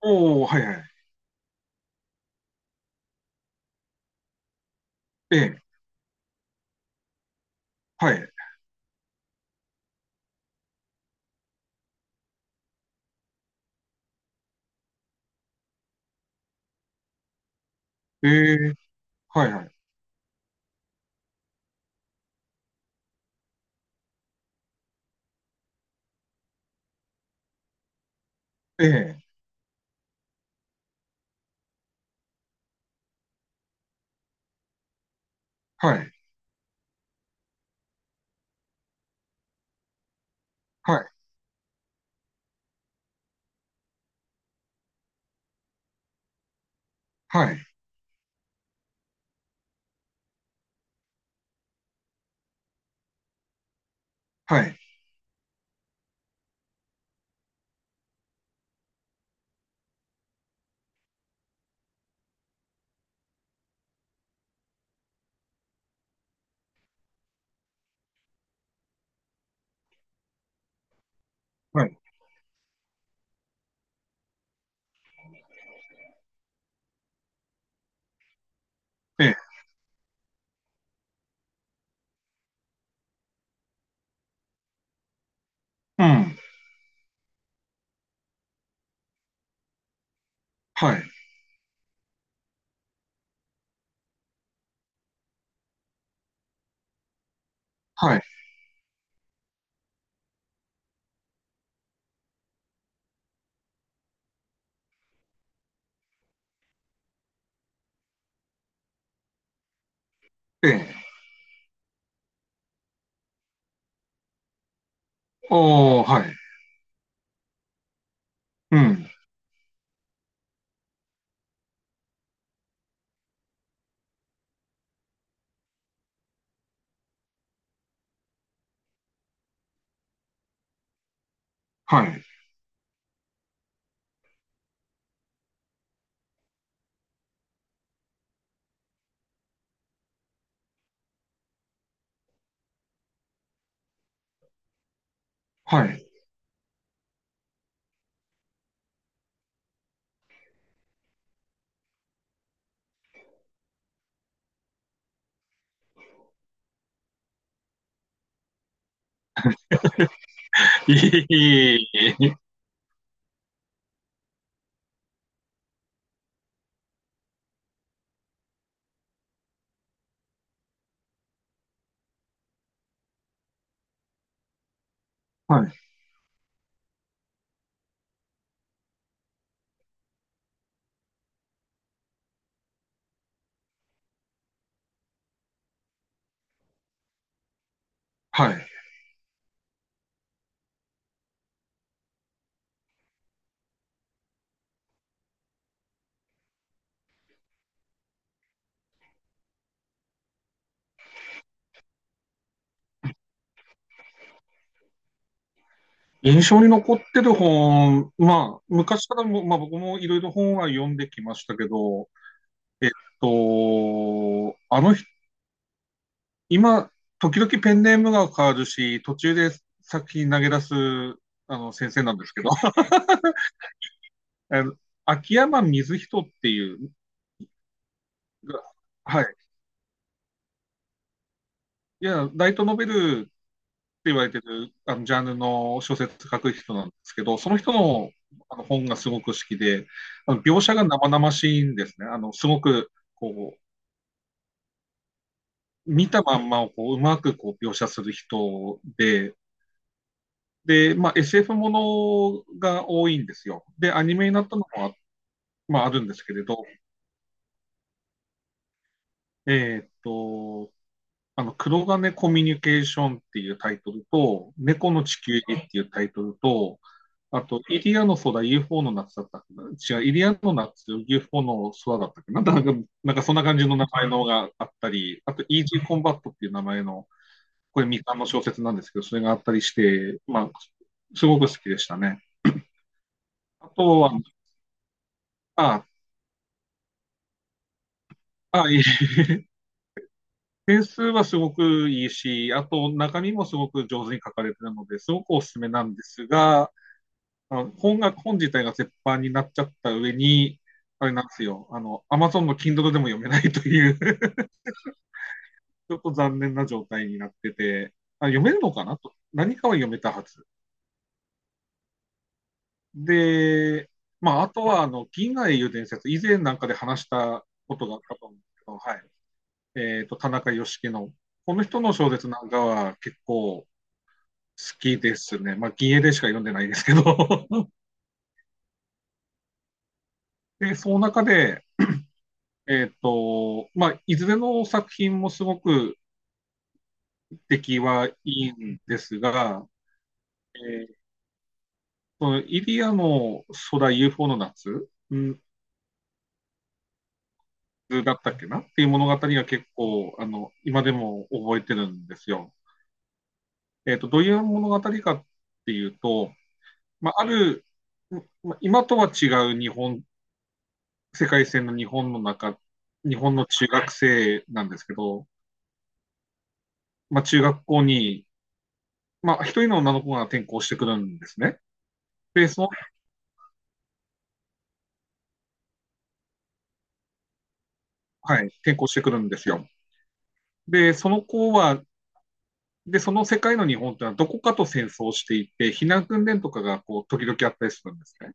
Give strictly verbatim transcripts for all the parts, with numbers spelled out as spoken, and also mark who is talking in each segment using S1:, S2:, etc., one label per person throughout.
S1: おお、はいはい。ええ、はい。ええ、はいはい。ええ、はい、はい、はい、はい、はい、ええ、うん、はい、はい、ええ、おお、はい、うん、はい、はい。いい、はい、はい。印象に残ってる本、まあ、昔からも、まあ僕もいろいろ本は読んできましたけど、えっと、あの人、今、時々ペンネームが変わるし、途中で作品投げ出す、あの、先生なんですけど、あの秋山水人っていう、はい。いや、ライトノベルって言われてる、あの、ジャンルの小説書く人なんですけど、その人の、あの本がすごく好きで、あの描写が生々しいんですね。あの、すごく、こう、見たまんまをこう、うまくこう描写する人で、で、まあ、エスエフ ものが多いんですよ。で、アニメになったのもあ、まあ、あるんですけれど、えーっと、あの、黒金コミュニケーションっていうタイトルと、猫の地球儀っていうタイトルと、あと、イリアの空 ユーフォー の夏だったかな。違う、イリアの夏 ユーフォー の空だったっけな、なんか、なんかそんな感じの名前のがあったり、あと、イージーコンバットっていう名前の、これ未完の小説なんですけど、それがあったりして、まあ、すごく好きでしたね。あとは、あ、あ、いい。点数はすごくいいし、あと中身もすごく上手に書かれてるので、すごくおすすめなんですが、あの本が、本自体が絶版になっちゃった上に、あれなんですよ、あの、Amazon の Kindle でも読めないという ちょっと残念な状態になってて、あ、読めるのかなと。何かは読めたはず。で、まあ、あとは、あの、銀河英雄伝説、以前なんかで話したことがあったと思うんですけど、はい。えっと、田中義樹の、この人の小説なんかは結構好きですね。まあ、銀英でしか読んでないですけど で、その中で、えっ、と、まあ、いずれの作品もすごく出来はいいんですが、えーそのイリアの空 ユーフォー の夏、うんだったっけなっていう物語が結構、あの、今でも覚えてるんですよ。えっ、と、どういう物語かっていうと、まあ、ある、ま今とは違う日本、世界線の日本の中、日本の中学生なんですけど、まあ、中学校に、まあ、一人の女の子が転校してくるんですね。で、そはい、転校してくるんですよ。で、その子は、で、その世界の日本ってのはどこかと戦争していて、避難訓練とかがこう時々あったりするんですね。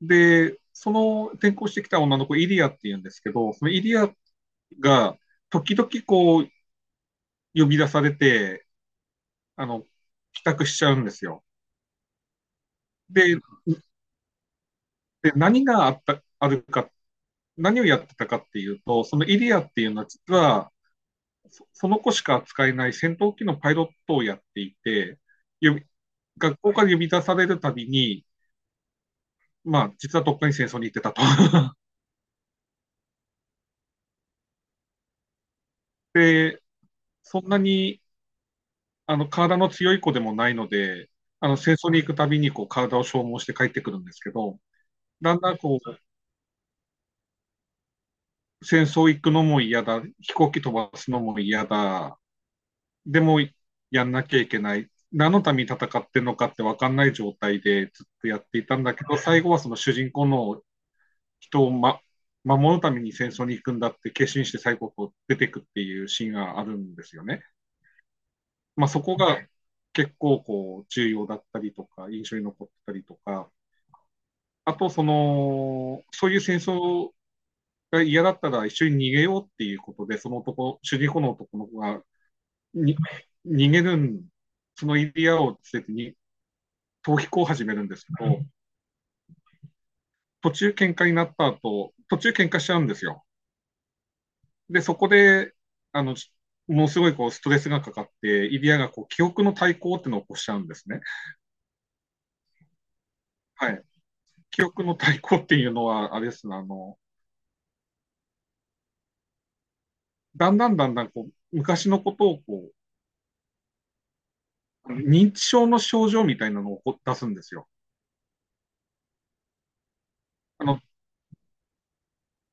S1: で、その転校してきた女の子、イリアっていうんですけど、そのイリアが時々こう呼び出されて、あの、帰宅しちゃうんですよ。で、で何があった、あるか、何をやってたかっていうと、そのイリアっていうのは実は、そその子しか扱えない戦闘機のパイロットをやっていて、呼び学校から呼び出されるたびに、まあ、実はどっかに戦争に行ってたと。で、そんなに、あの、体の強い子でもないので、あの、戦争に行くたびに、こう、体を消耗して帰ってくるんですけど、だんだん、こう、戦争行くのも嫌だ、飛行機飛ばすのも嫌だ、でも、やんなきゃいけない、何のために戦ってるのかって分かんない状態でずっとやっていたんだけど、最後はその主人公の人をま、ま、守るために戦争に行くんだって決心して西国を出てくっていうシーンがあるんですよね。まあ、そこが結構こう重要だったりとか印象に残ったりとか。あとその、そういう戦争が嫌だったら一緒に逃げようっていうことで、その男主人公の男の子がに逃げる、そのエリアを捨ててに逃避行を始めるんですけど、途中喧嘩になった後、途中喧嘩しちゃうんですよ。で、そこで、あの、ものすごいこうストレスがかかって、イリアがこう記憶の対抗っていうのを起こしちゃうんですね。はい。記憶の対抗っていうのは、あれですね、あの、だんだんだんだんこう昔のことをこう、認知症の症状みたいなのを出すんですよ。あの、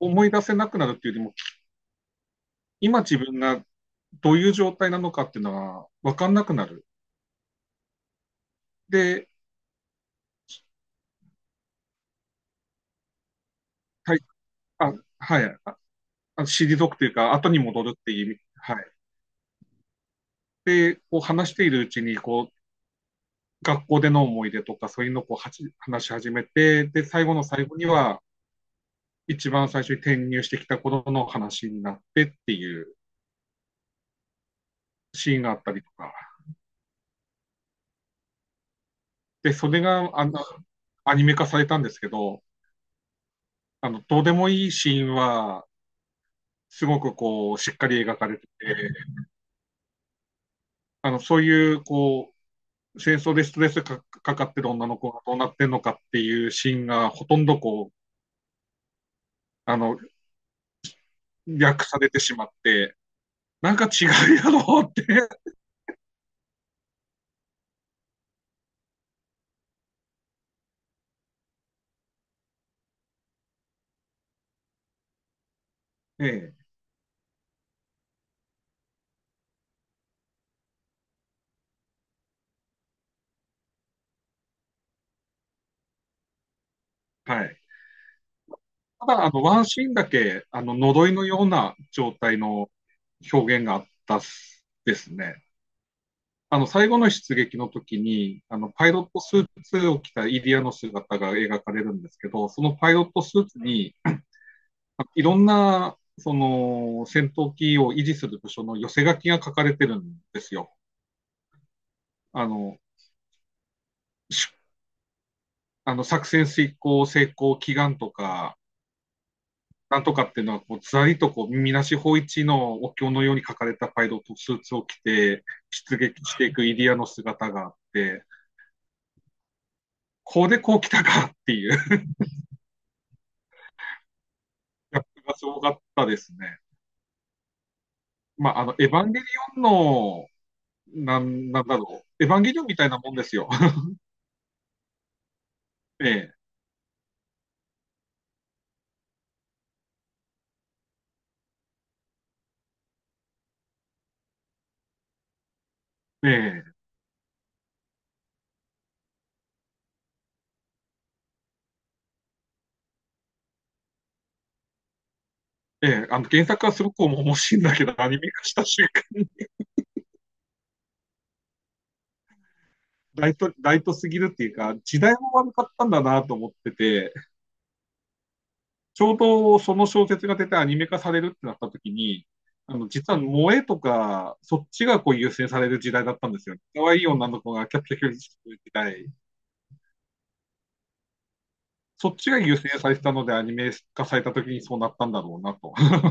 S1: 思い出せなくなるっていうよりも、今自分がどういう状態なのかっていうのが分かんなくなる。で、はい、あ、はい、あ退くというか、後に戻るっていう意味、はい。で、こう話しているうちに、こう、学校での思い出とか、そういうのをこうはち話し始めて、で、最後の最後には、一番最初に転入してきた頃の話になってっていうシーンがあったりとか、で、それがあのアニメ化されたんですけど、あの、どうでもいいシーンは、すごくこう、しっかり描かれてて、あの、そういう、こう、戦争でストレスかかかってる女の子がどうなってんのかっていうシーンが、ほとんどこう、あの、略されてしまって、なんか違うやろうって、ええ、はい。ただ、あの、ワンシーンだけ、あの、呪いのような状態の表現があったっすですね。あの、最後の出撃の時に、あの、パイロットスーツを着たイリアの姿が描かれるんですけど、そのパイロットスーツに、いろんな、その、戦闘機を維持する部署の寄せ書きが書かれてるんですよ。あの、しあの作戦遂行成功祈願とか、なんとかっていうのはこう、ずらりとこう、みなし法一のお経のように書かれたパイロットスーツを着て、出撃していくイリアの姿があって、こうでこう来たかっていう、やっがすごかったですね。まあ、あの、エヴァンゲリオンの、なん、なんだろう、エヴァンゲリオンみたいなもんですよ ええ、ええ、え、あの、原作はすごく面白いんだけど、アニメ化した瞬間、ライト、ライトすぎるっていうか、時代も悪かったんだなと思ってて、ちょうどその小説が出てアニメ化されるってなった時に、あの、実は萌えとか、そっちがこう優先される時代だったんですよね。可愛い女の子がキャピキャピしてる時代。そっちが優先されてたのでアニメ化された時にそうなったんだろうなと。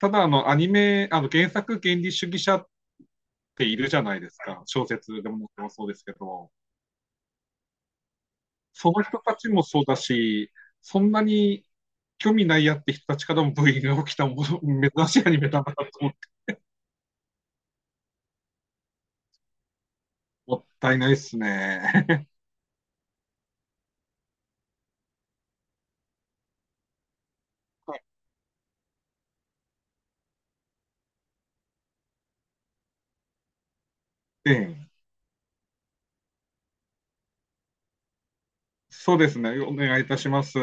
S1: ただ、あの、アニメ、あの、原作原理主義者っているじゃないですか。小説でもそうですけど。その人たちもそうだし、そんなに興味ないやって人たちからもブーイングが起きたもの珍しいアニメだなと思もったいないっすね。はい。ええ、そうですね。お願いいたします。